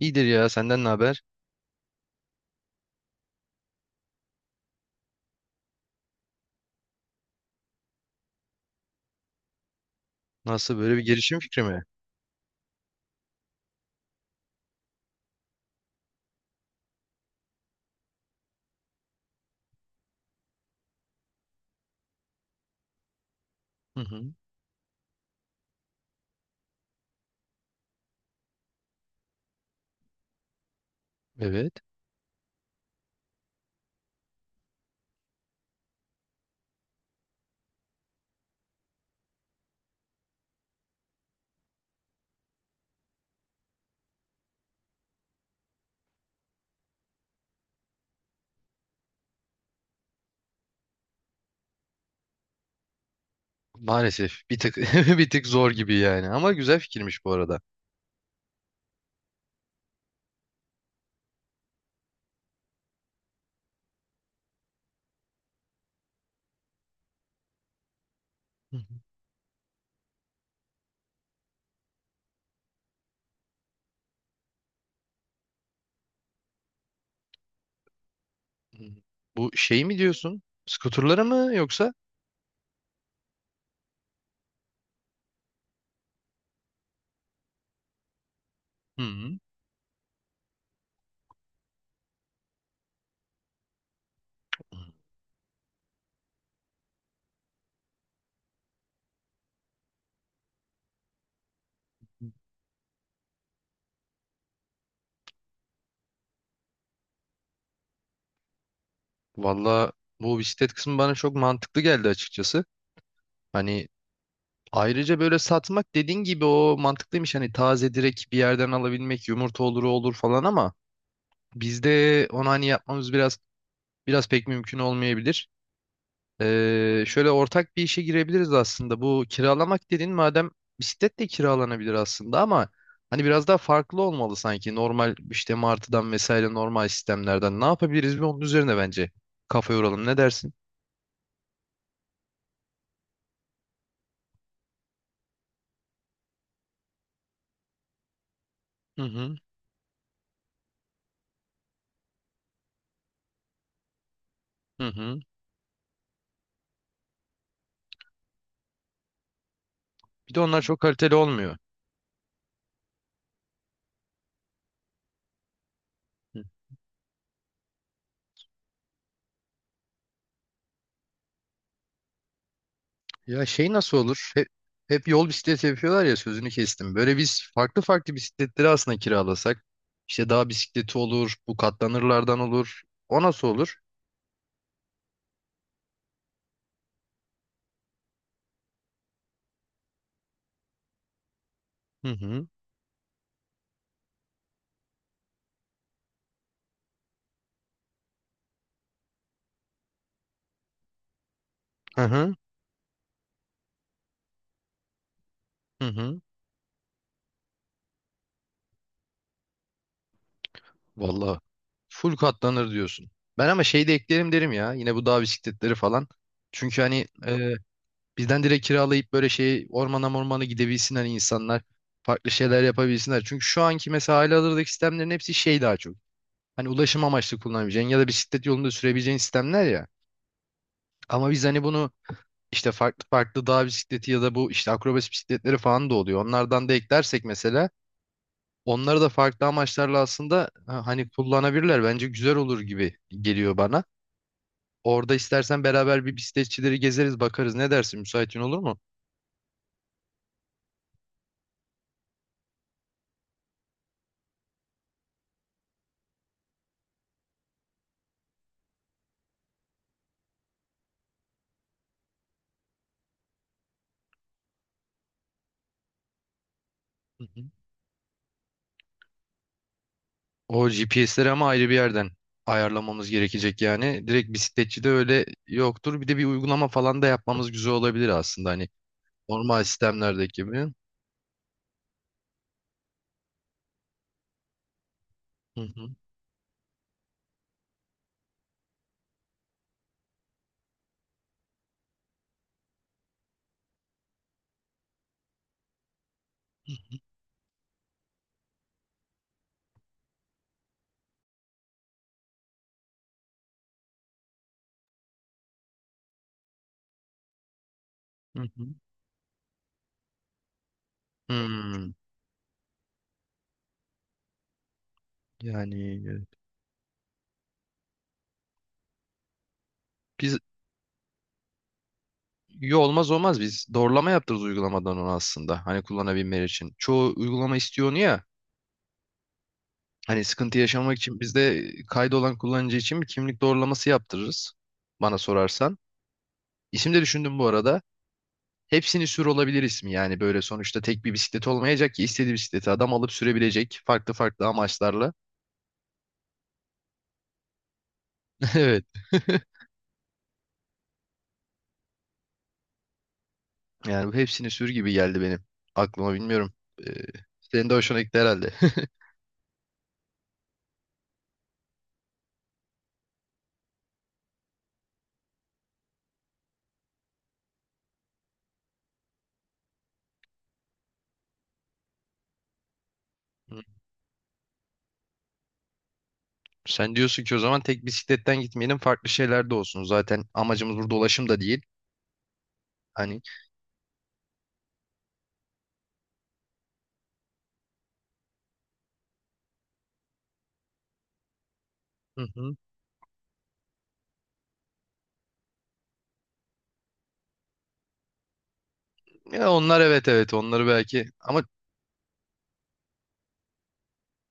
İyidir ya senden ne haber? Nasıl böyle bir girişim fikri mi? Hı hı. Evet. Maalesef bir tık bir tık zor gibi yani ama güzel fikirmiş bu arada. Hı hı. Hı hı. Bu şey mi diyorsun? Skuterlara mı yoksa? Hı hı. Valla bu bisiklet kısmı bana çok mantıklı geldi açıkçası. Hani ayrıca böyle satmak dediğin gibi o mantıklıymış. Hani taze direkt bir yerden alabilmek yumurta olur o olur falan ama bizde onu hani yapmamız biraz pek mümkün olmayabilir. Şöyle ortak bir işe girebiliriz aslında. Bu kiralamak dediğin madem bisiklet de kiralanabilir aslında ama hani biraz daha farklı olmalı sanki. Normal işte martıdan vesaire normal sistemlerden ne yapabiliriz bir onun üzerine bence kafa yoralım. Ne dersin? Hı hı, hı hı. Bir de onlar çok kaliteli olmuyor. Hı. Ya şey nasıl olur? Hep yol bisikleti yapıyorlar ya sözünü kestim. Böyle biz farklı farklı bisikletleri aslında kiralasak. İşte dağ bisikleti olur, bu katlanırlardan olur. O nasıl olur? Hı hı. Hı hı. Hı hı. Vallahi full katlanır diyorsun. Ben ama şey de eklerim derim ya. Yine bu dağ bisikletleri falan. Çünkü hani bizden direkt kiralayıp böyle şey ormana mormana gidebilsin hani insanlar. Farklı şeyler yapabilsinler. Çünkü şu anki mesela halihazırdaki sistemlerin hepsi şey daha çok. Hani ulaşım amaçlı kullanabileceğin ya da bisiklet yolunda sürebileceğin sistemler ya. Ama biz hani bunu işte farklı farklı dağ bisikleti ya da bu işte akrobasi bisikletleri falan da oluyor. Onlardan da eklersek mesela onları da farklı amaçlarla aslında hani kullanabilirler. Bence güzel olur gibi geliyor bana. Orada istersen beraber bir bisikletçileri gezeriz, bakarız. Ne dersin? Müsaitin olur mu? Hı hı. O GPS'leri ama ayrı bir yerden ayarlamamız gerekecek yani. Direkt bisikletçi de öyle yoktur. Bir de bir uygulama falan da yapmamız güzel olabilir aslında hani normal sistemlerdeki gibi. Hı hı. Hı hı. Hmm, yani e, biz iyi olmaz olmaz biz doğrulama yaptırırız uygulamadan onu aslında hani kullanabilmeleri için. Çoğu uygulama istiyor onu ya hani sıkıntı yaşamak için biz de kaydı olan kullanıcı için bir kimlik doğrulaması yaptırırız bana sorarsan. İsim de düşündüm bu arada. Hepsini sür olabilir ismi yani böyle sonuçta tek bir bisiklet olmayacak ki istediği bisikleti adam alıp sürebilecek farklı farklı amaçlarla. Evet. Yani bu hepsini sür gibi geldi benim aklıma bilmiyorum. Ee, Senin de hoşuna gitti herhalde. Sen diyorsun ki o zaman tek bisikletten gitmeyelim farklı şeyler de olsun. Zaten amacımız burada ulaşım da değil. Hani Hı hı. Ya onlar evet evet onları belki ama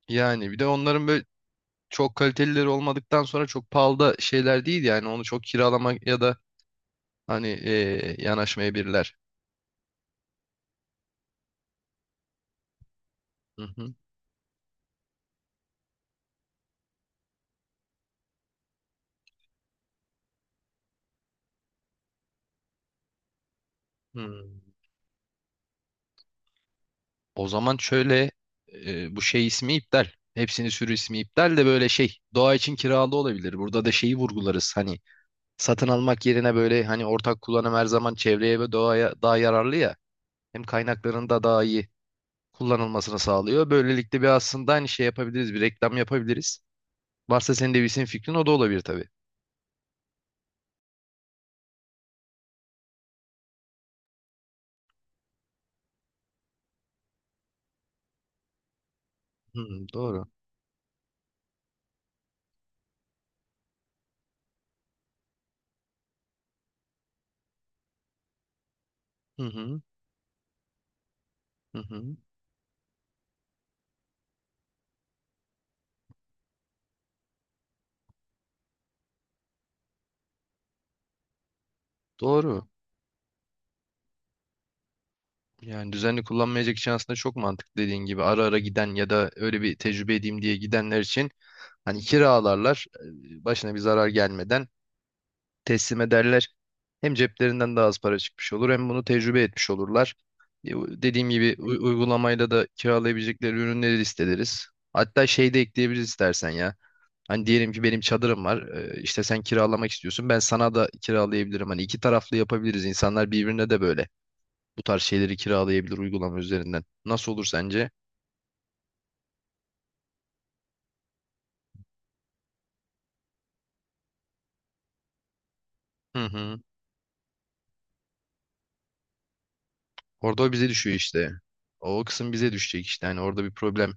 yani bir de onların böyle çok kalitelileri olmadıktan sonra çok pahalı da şeyler değil yani onu çok kiralamak ya da hani yanaşmayabilirler. Hı hı. Hmm. O zaman şöyle bu şey ismi iptal. Hepsinin sürü ismi iptal de böyle şey doğa için kiralı olabilir. Burada da şeyi vurgularız hani satın almak yerine böyle hani ortak kullanım her zaman çevreye ve doğaya daha yararlı ya. Hem kaynakların da daha iyi kullanılmasını sağlıyor. Böylelikle bir aslında aynı şey yapabiliriz, bir reklam yapabiliriz. Varsa senin de bir senin fikrin o da olabilir tabii. Hmm, doğru. Hı hı, hı hı. Doğru. Yani düzenli kullanmayacak için aslında çok mantıklı dediğin gibi ara ara giden ya da öyle bir tecrübe edeyim diye gidenler için hani kiralarlar başına bir zarar gelmeden teslim ederler. Hem ceplerinden daha az para çıkmış olur hem bunu tecrübe etmiş olurlar. Dediğim gibi uygulamayla da kiralayabilecekleri ürünleri listeleriz. Hatta şey de ekleyebiliriz istersen ya. Hani diyelim ki benim çadırım var. İşte sen kiralamak istiyorsun. Ben sana da kiralayabilirim. Hani iki taraflı yapabiliriz. İnsanlar birbirine de böyle bu tarz şeyleri kiralayabilir uygulama üzerinden. Nasıl olur sence? Hı hı. Orada o bize düşüyor işte. O kısım bize düşecek işte. Hani orada bir problem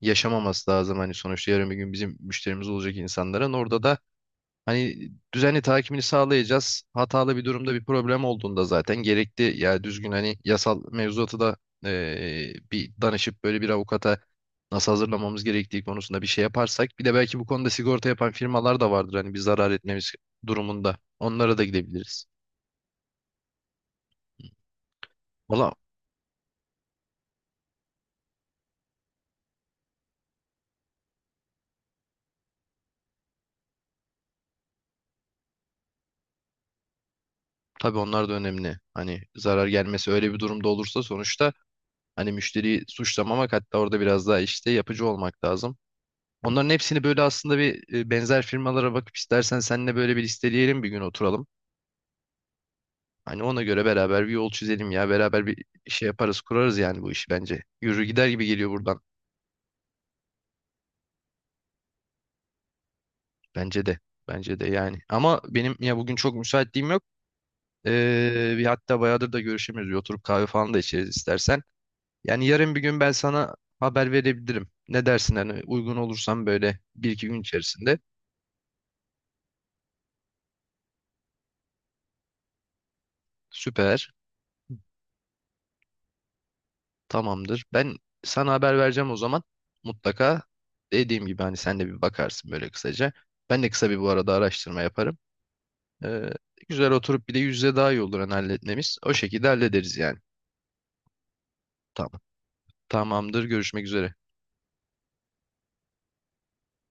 yaşamaması lazım. Hani sonuçta yarın bir gün bizim müşterimiz olacak insanların. Orada da hani düzenli takibini sağlayacağız. Hatalı bir durumda bir problem olduğunda zaten gerekli ya düzgün hani yasal mevzuatı da bir danışıp böyle bir avukata nasıl hazırlamamız gerektiği konusunda bir şey yaparsak bir de belki bu konuda sigorta yapan firmalar da vardır hani bir zarar etmemiz durumunda. Onlara da gidebiliriz. Valla tabii onlar da önemli. Hani zarar gelmesi öyle bir durumda olursa sonuçta hani müşteriyi suçlamamak hatta orada biraz daha işte yapıcı olmak lazım. Onların hepsini böyle aslında bir benzer firmalara bakıp istersen seninle böyle bir listeleyelim bir gün oturalım. Hani ona göre beraber bir yol çizelim ya. Beraber bir şey yaparız, kurarız yani bu işi bence. Yürür gider gibi geliyor buradan. Bence de. Bence de yani. Ama benim ya bugün çok müsaitliğim yok. Bir hatta bayağıdır da görüşemiyoruz. Bir oturup kahve falan da içeriz istersen. Yani yarın bir gün ben sana haber verebilirim. Ne dersin hani uygun olursam böyle bir iki gün içerisinde. Süper. Tamamdır. Ben sana haber vereceğim o zaman. Mutlaka dediğim gibi hani sen de bir bakarsın böyle kısaca. Ben de kısa bir bu arada araştırma yaparım. Ee, Güzel oturup bir de yüzde daha iyi olur hani halletmemiz. O şekilde hallederiz yani. Tamam. Tamamdır. Görüşmek üzere.